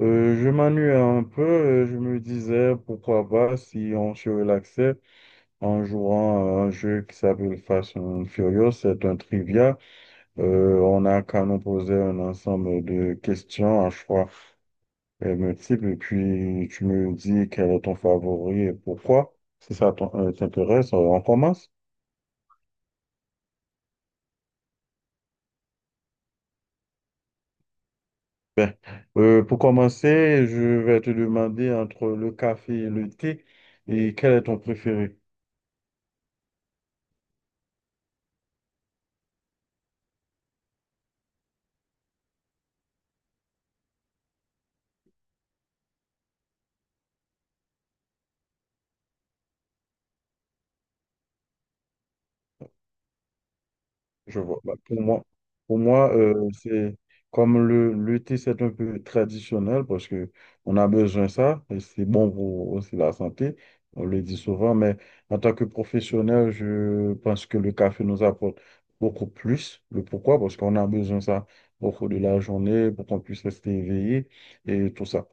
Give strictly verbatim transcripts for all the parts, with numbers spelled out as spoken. Euh, je m'ennuyais un peu, euh, je me disais pourquoi pas si on se relaxait en jouant à un jeu qui s'appelle Fast and Furious, c'est un trivia. Euh, on a qu'à nous poser un ensemble de questions à choix euh, multiples et puis tu me dis quel est ton favori et pourquoi. Si ça t'en- euh, T'intéresse, euh, on commence. Ben, euh, pour commencer, je vais te demander entre le café et le thé et quel est ton préféré? Je vois. Bah, pour moi, pour moi euh, c'est comme le, le thé, c'est un peu traditionnel parce que on a besoin de ça et c'est bon pour aussi la santé. On le dit souvent, mais en tant que professionnel, je pense que le café nous apporte beaucoup plus. Le pourquoi? Parce qu'on a besoin de ça au cours de la journée pour qu'on puisse rester éveillé et tout ça.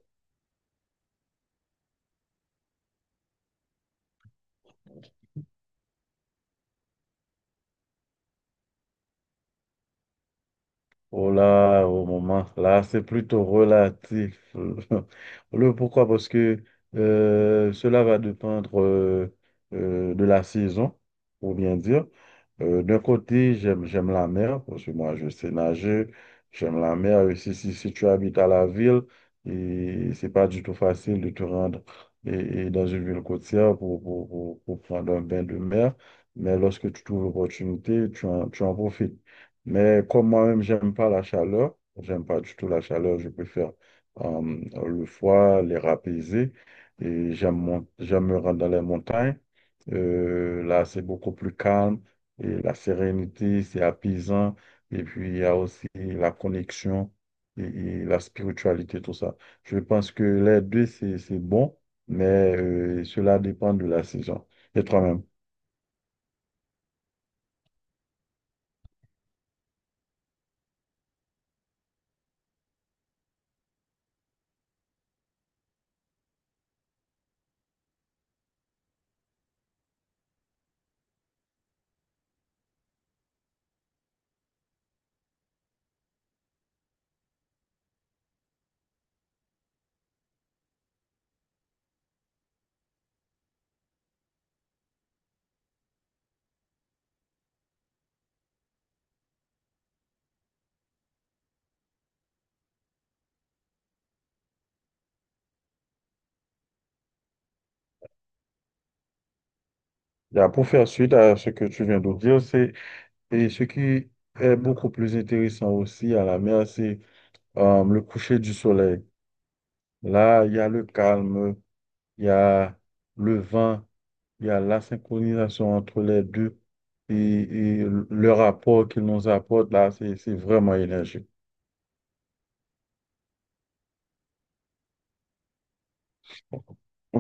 Oh là, au moment, là, c'est plutôt relatif. Le pourquoi? Parce que euh, cela va dépendre euh, euh, de la saison, pour bien dire. Euh, d'un côté, j'aime, j'aime la mer, parce que moi, je sais nager, j'aime la mer. Et si, si, si tu habites à la ville, et c'est pas du tout facile de te rendre et, et dans une ville côtière pour, pour, pour, pour prendre un bain de mer. Mais lorsque tu trouves l'opportunité, tu en, tu en profites. Mais comme moi-même, j'aime pas la chaleur, j'aime pas du tout la chaleur, je préfère euh, le froid, l'air apaisé. Et j'aime mon- j'aime me rendre dans les montagnes. Euh, là, c'est beaucoup plus calme et la sérénité, c'est apaisant. Et puis, il y a aussi la connexion et, et la spiritualité, tout ça. Je pense que les deux, c'est, c'est bon, mais euh, cela dépend de la saison. Et toi-même. Là, pour faire suite à ce que tu viens de dire, c'est et ce qui est beaucoup plus intéressant aussi à la mer, c'est euh, le coucher du soleil. Là, il y a le calme, il y a le vent, il y a la synchronisation entre les deux et, et le rapport qu'ils nous apportent là, c'est c'est vraiment énergique.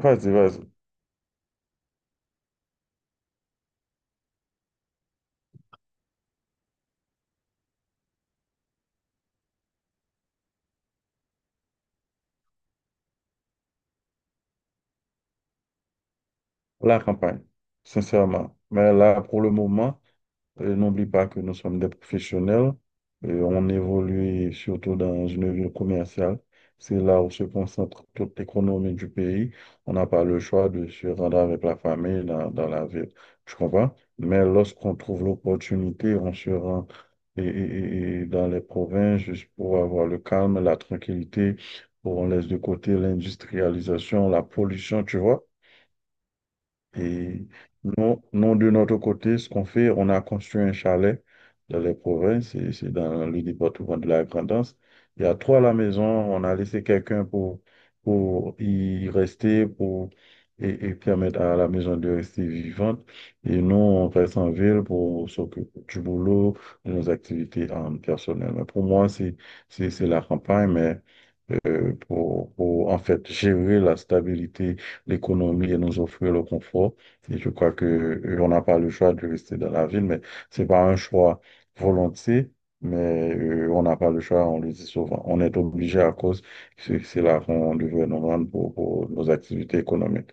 Vas-y, vas-y. La campagne, sincèrement. Mais là, pour le moment. Euh, n'oublie pas que nous sommes des professionnels. Euh, on évolue surtout dans une ville commerciale. C'est là où se concentre toute l'économie du pays. On n'a pas le choix de se rendre avec la famille dans, dans la ville. Tu comprends? Mais lorsqu'on trouve l'opportunité, on se rend et, et- et- et dans les provinces juste pour avoir le calme, la tranquillité. Où On laisse de côté l'industrialisation, la pollution, tu vois? Et nous, nous, de notre côté, ce qu'on fait, on a construit un chalet dans les provinces, et c'est dans le département de la Grand'Anse. Il y a trois à la maison, on a laissé quelqu'un pour, pour y rester, pour, et, et permettre à la maison de rester vivante. Et nous, on reste en ville pour s'occuper du boulot, de nos activités euh, personnelles. Mais pour moi, c'est, c'est, c'est la campagne, mais euh, pour, pour en fait gérer la stabilité l'économie et nous offrir le confort. Et je crois que euh, on n'a pas le choix de rester dans la ville, mais c'est pas un choix volontiers, mais euh, on n'a pas le choix, on le dit souvent. On est obligé à cause que c'est là qu'on devrait nous rendre pour, pour nos activités économiques.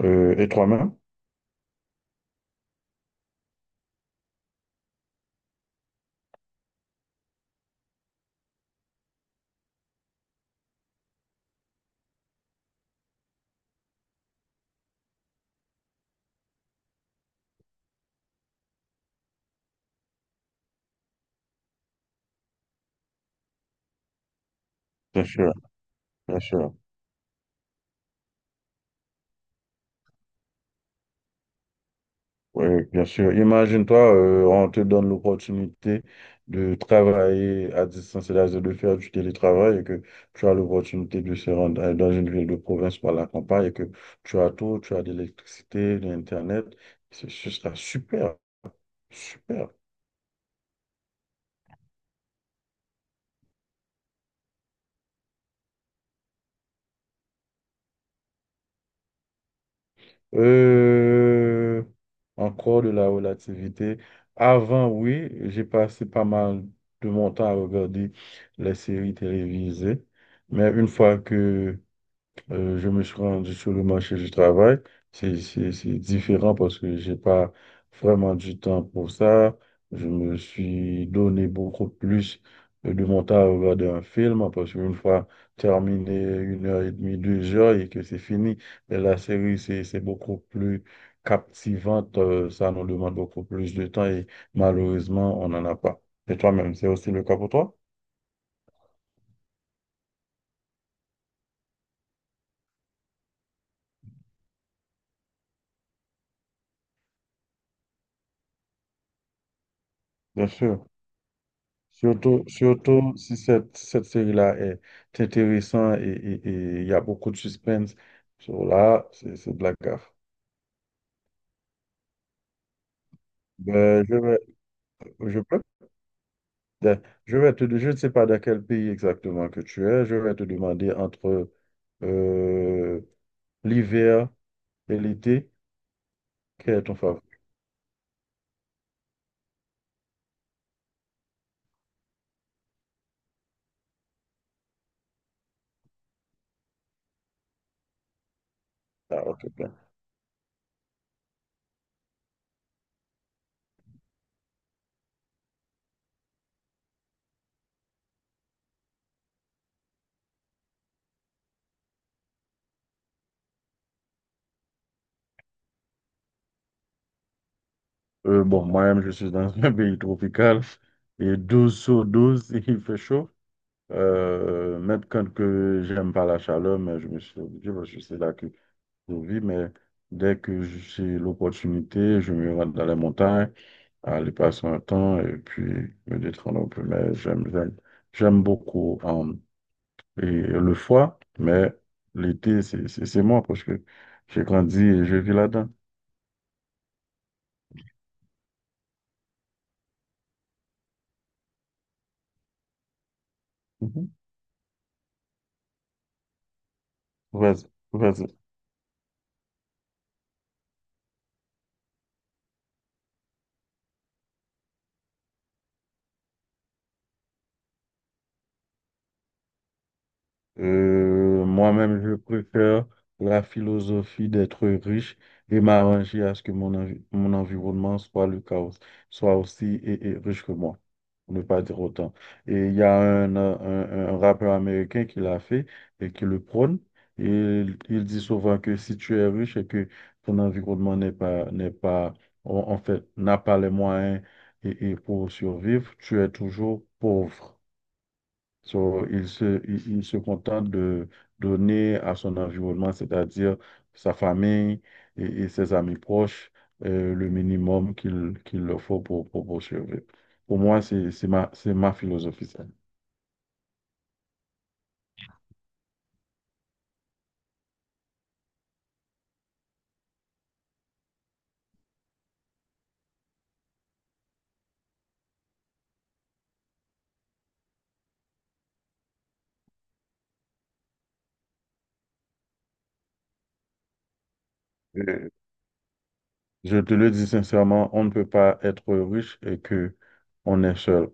Euh, et toi-même? Bien sûr, bien sûr. Oui, bien sûr. Imagine-toi, euh, on te donne l'opportunité de travailler à distance, c'est-à-dire de faire du télétravail et que tu as l'opportunité de se rendre euh, dans une ville de province par la campagne et que tu as tout, tu as de l'électricité, de l'Internet. Ce ce sera super, super. Euh, Encore de la relativité. Avant, oui, j'ai passé pas mal de mon temps à regarder les séries télévisées, mais une fois que Euh, je me suis rendu sur le marché du travail. C'est, c'est, c'est différent parce que j'ai pas vraiment du temps pour ça. Je me suis donné beaucoup plus euh, de mon temps à regarder un film parce qu'une fois terminé une heure et demie, deux heures et que c'est fini, mais la série, c'est, c'est beaucoup plus captivante. Euh, ça nous demande beaucoup plus de temps et malheureusement, on n'en a pas. Et toi-même, c'est aussi le cas pour toi? Bien sûr. Surtout, surtout si cette, cette série-là est intéressante et et- et il y a beaucoup de suspense. So là, c'est c'est de la gaffe. Ben, je vais, je peux, de- je vais te, je ne sais pas dans quel pays exactement que tu es. Je vais te demander entre euh, l'hiver et l'été. Quel est ton favori? Ah, ok, bien. Euh, bon, moi-même, je suis dans un pays tropical. Et douze sur douze il fait chaud. Euh, même quand que j'aime pas la chaleur, mais je me suis obligé parce que c'est là que je vis. Mais dès que j'ai l'opportunité, je me rends dans les montagnes, aller passer un temps et puis me détendre un peu. Mais j'aime, j'aime, j'aime beaucoup. Hein. et le foie, mais l'été, c'est c'est- c'est moi parce que j'ai grandi et je vis là-dedans. Mhm. Vas-y, vas-y. Euh, moi-même, je préfère la philosophie d'être riche et m'arranger à ce que mon, envi- mon environnement soit le chaos, soit aussi et, et riche que moi, pour ne pas dire autant. Et il y a un, euh, un, un rappeur américain qui l'a fait et qui le prône. Et il, il dit souvent que si tu es riche et que ton environnement n'est pas, n'est pas, en en fait, n'a pas les moyens et, et pour survivre, tu es toujours pauvre. So, il se, il, il se contente de donner à son environnement, c'est-à-dire sa famille et, et ses amis proches, euh, le minimum qu'il qu'il leur faut pour, pour, pour survivre. Pour moi, c'est c'est ma, c'est ma philosophie. Ça. Euh, Je te le dis sincèrement, on ne peut pas être riche et que on est seul.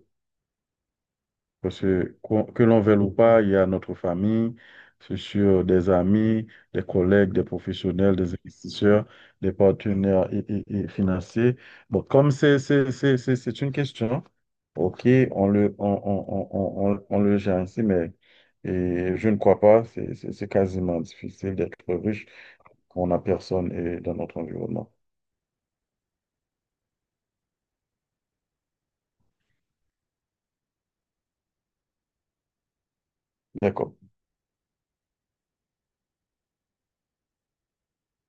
Parce que qu'on- que l'on veuille ou pas, il y a notre famille, c'est sûr, des amis, des collègues, des professionnels, des investisseurs, des partenaires et, et- et financiers. Bon, comme c'est c'est- c'est- c'est- c'est une question, OK, on le, on, on, on, on, on le gère ainsi, mais et je ne crois pas, c'est c'est- c'est quasiment difficile d'être riche quand on n'a personne eh, dans notre environnement. D'accord.